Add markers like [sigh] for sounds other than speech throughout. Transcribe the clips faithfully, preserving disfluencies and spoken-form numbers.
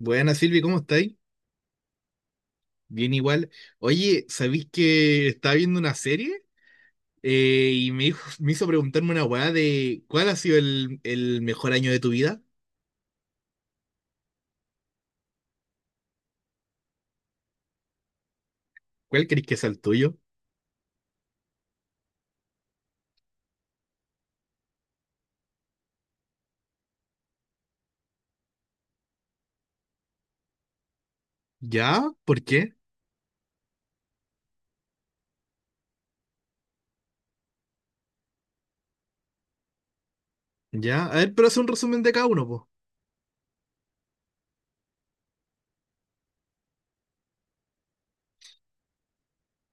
Buenas, Silvi, ¿cómo estáis? Bien igual. Oye, ¿sabéis que estaba viendo una serie? Eh, y me dijo- [laughs] me hizo preguntarme una weá de ¿cuál ha sido el, el mejor año de tu vida? ¿Cuál crees que es el tuyo? ¿Ya? ¿Por qué? ¿Ya? A ver, pero haz un resumen de cada uno, po.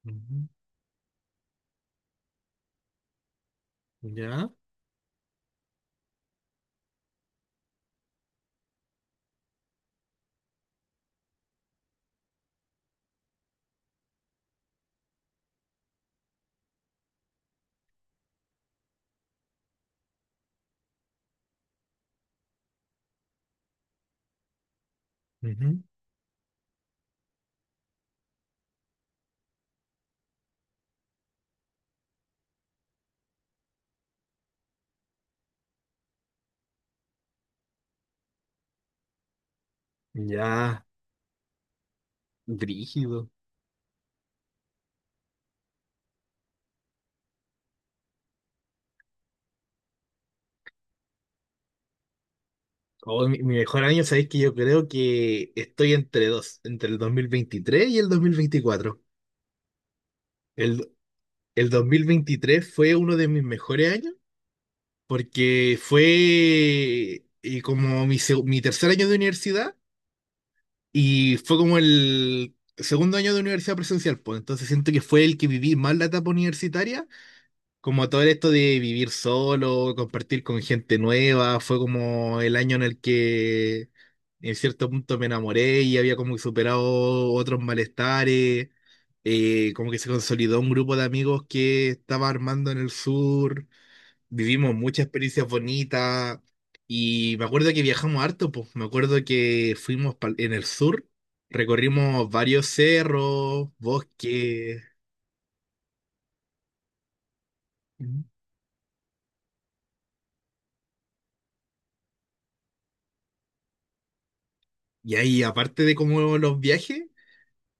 Ujú. ¿Ya? Ujú. Ya. Brígido. Oh, mi, mi mejor año, ¿sabéis que yo creo que estoy entre dos, entre el dos mil veintitrés y el dos mil veinticuatro? El, el dos mil veintitrés fue uno de mis mejores años porque fue eh, como mi, seg- mi tercer año de universidad y fue como el segundo año de universidad presencial, pues entonces siento que fue el que viví más la etapa universitaria, como todo esto de vivir solo, compartir con gente nueva, fue como el año en el que en cierto punto me enamoré y había como superado otros malestares, eh, como que se consolidó un grupo de amigos que estaba armando en el sur. Vivimos muchas experiencias bonitas y me acuerdo que viajamos harto, pues me acuerdo que fuimos pal- en el sur, recorrimos varios cerros, bosques. Ujú. Y ahí aparte de como los viajes,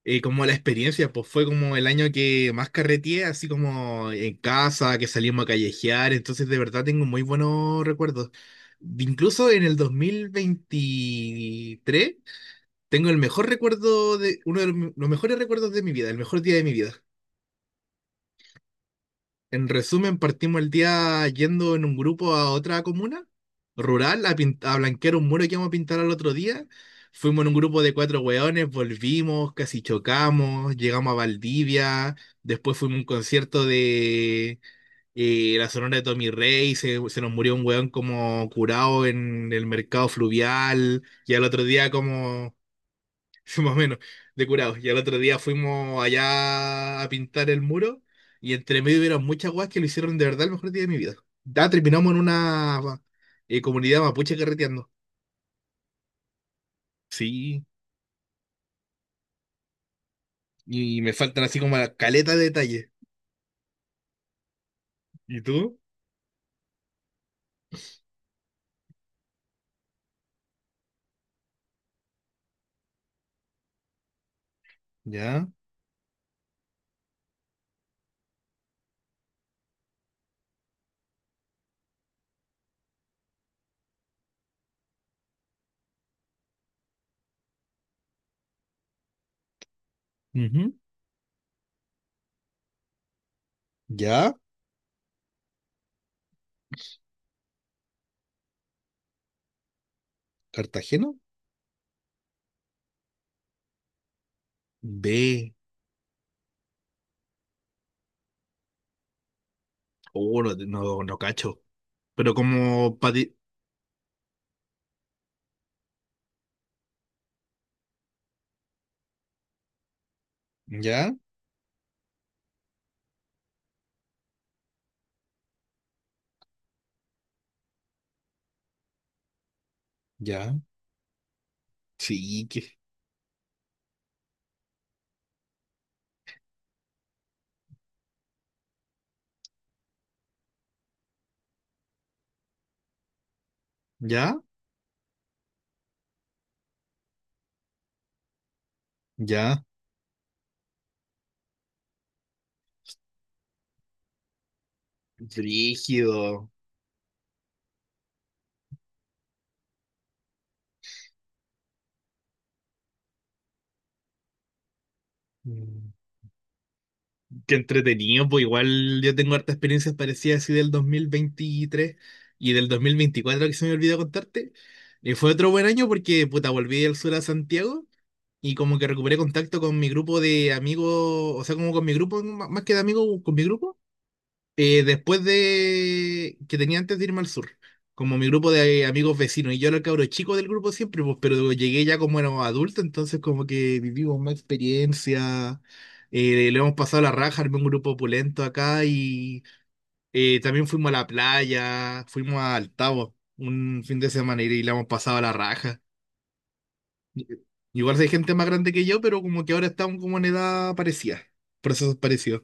eh, como la experiencia, pues fue como el año que más carreteé, así como en casa, que salimos a callejear, entonces de verdad tengo muy buenos recuerdos. Incluso en el dos mil veintitrés tengo el mejor recuerdo de, uno de los, me- los mejores recuerdos de mi vida, el mejor día de mi vida. En resumen, partimos el día yendo en un grupo a otra comuna rural a, pin- a blanquear un muro que íbamos a pintar al otro día. Fuimos en un grupo de cuatro hueones, volvimos, casi chocamos, llegamos a Valdivia, después fuimos a un concierto de eh, la Sonora de Tommy Rey, se, se nos murió un hueón como curado en el mercado fluvial, y al otro día como [laughs] más o menos, de curados. Y al otro día fuimos allá a pintar el muro y entre medio hubieron muchas guas que lo hicieron de verdad el mejor día de mi vida. Ya terminamos en una eh, comunidad mapuche carreteando. Sí, y me faltan así como la caleta de detalles. ¿Y tú? Ya. Ujú. Ya. ¿Cartagena? B. Oh, no, no, no cacho. Pero como pa' ti- ya, ya. Sí, que. Ya, ya. Rígido. Qué entretenido, pues igual yo tengo hartas experiencias parecidas así del dos mil veintitrés y del dos mil veinticuatro que se me olvidó contarte. Y fue otro buen año porque, puta, volví al sur a Santiago y como que recuperé contacto con mi grupo de amigos, o sea, como con mi grupo, m- más que de amigos, con mi grupo. Eh, después de que tenía antes de irme al sur, como mi grupo de amigos vecinos, y yo era el cabro chico del grupo siempre, pues, pero llegué ya como era adulto, entonces como que vivimos más experiencia, eh, le hemos pasado la raja, armé un grupo opulento acá y eh, también fuimos a la playa, fuimos a Altavo un fin de semana y le hemos pasado la raja. Igual si hay gente más grande que yo, pero como que ahora estamos como en edad parecida, procesos parecidos.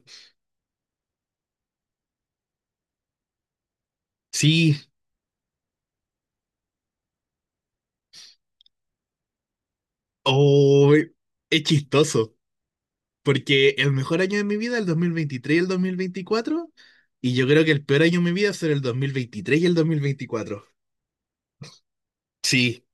Sí, oh, es chistoso. Porque el mejor año de mi vida, el dos mil veintitrés y el dos mil veinticuatro, y yo creo que el peor año de mi vida será el dos mil veintitrés y el dos mil veinticuatro. Sí,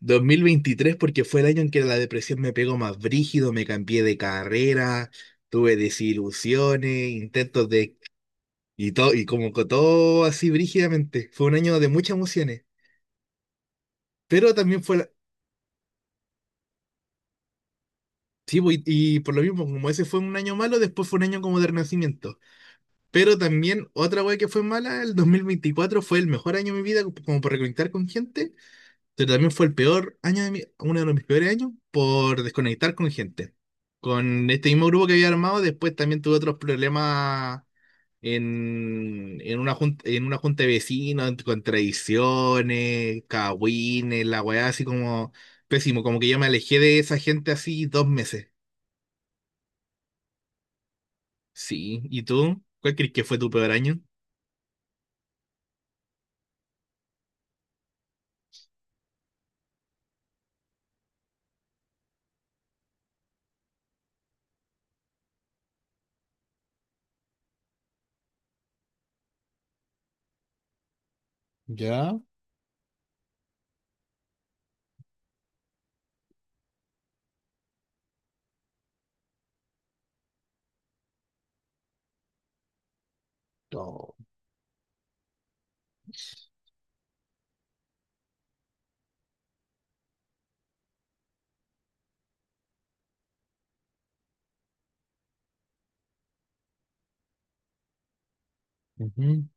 dos mil veintitrés porque fue el año en que la depresión me pegó más brígido, me cambié de carrera, tuve desilusiones, intentos de... Y todo, y como que todo así brígidamente. Fue un año de muchas emociones, pero también fue... la- Sí, pues, y, y por lo mismo, como ese fue un año malo, después fue un año como de renacimiento. Pero también otra wea que fue mala, el dos mil veinticuatro fue el mejor año de mi vida como por reconectar con gente, pero también fue el peor año de mi, uno de mis peores años por desconectar con gente. Con este mismo grupo que había armado, después también tuve otros problemas en, en una junta, en una junta de vecinos, con tradiciones, cagüines, la weá así como pésimo, como que yo me alejé de esa gente así dos meses. Sí, ¿y tú? ¿Cuál crees que fue tu peor año? ¿Ya? No. Ujú.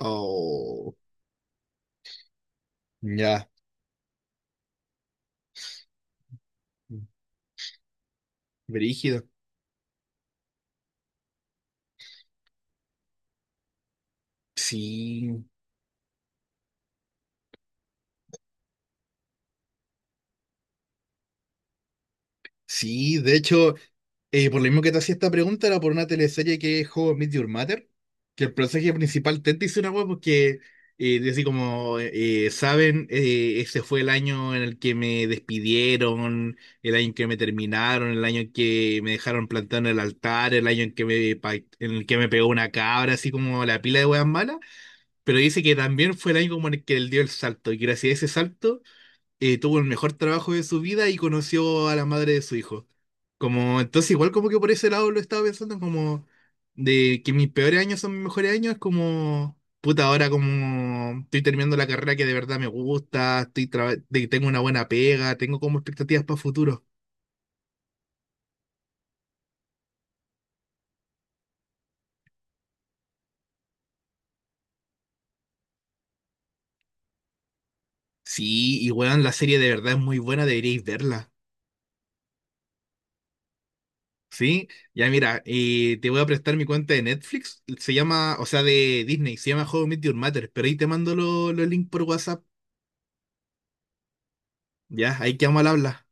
Oh, ya, brígido. Sí, sí, de hecho, eh, por lo mismo que te hacía esta pregunta, era por una teleserie que es How I Met Your Mother, que el personaje principal, Ted, dice una hueá porque, eh, dice como, eh, saben, eh, ese fue el año en el que me despidieron, el año en que me terminaron, el año en que me dejaron plantado en el altar, el año en que me, pa- en el que me pegó una cabra, así como la pila de hueas malas, pero dice que también fue el año como en el que él dio el salto, y gracias a ese salto eh, tuvo el mejor trabajo de su vida y conoció a la madre de su hijo. Como, entonces igual como que por ese lado lo estaba pensando como de que mis peores años son mis mejores años, es como, puta, ahora como estoy terminando la carrera que de verdad me gusta, estoy traba- de- tengo una buena pega, tengo como expectativas para futuro. Sí, y weón, la serie de verdad es muy buena, deberíais verla. Sí, ya mira, eh, te voy a prestar mi cuenta de Netflix, se llama, o sea, de Disney, se llama How I Met Your Mother, pero ahí te mando lo- los links por WhatsApp. Ya, ahí quedamos al habla.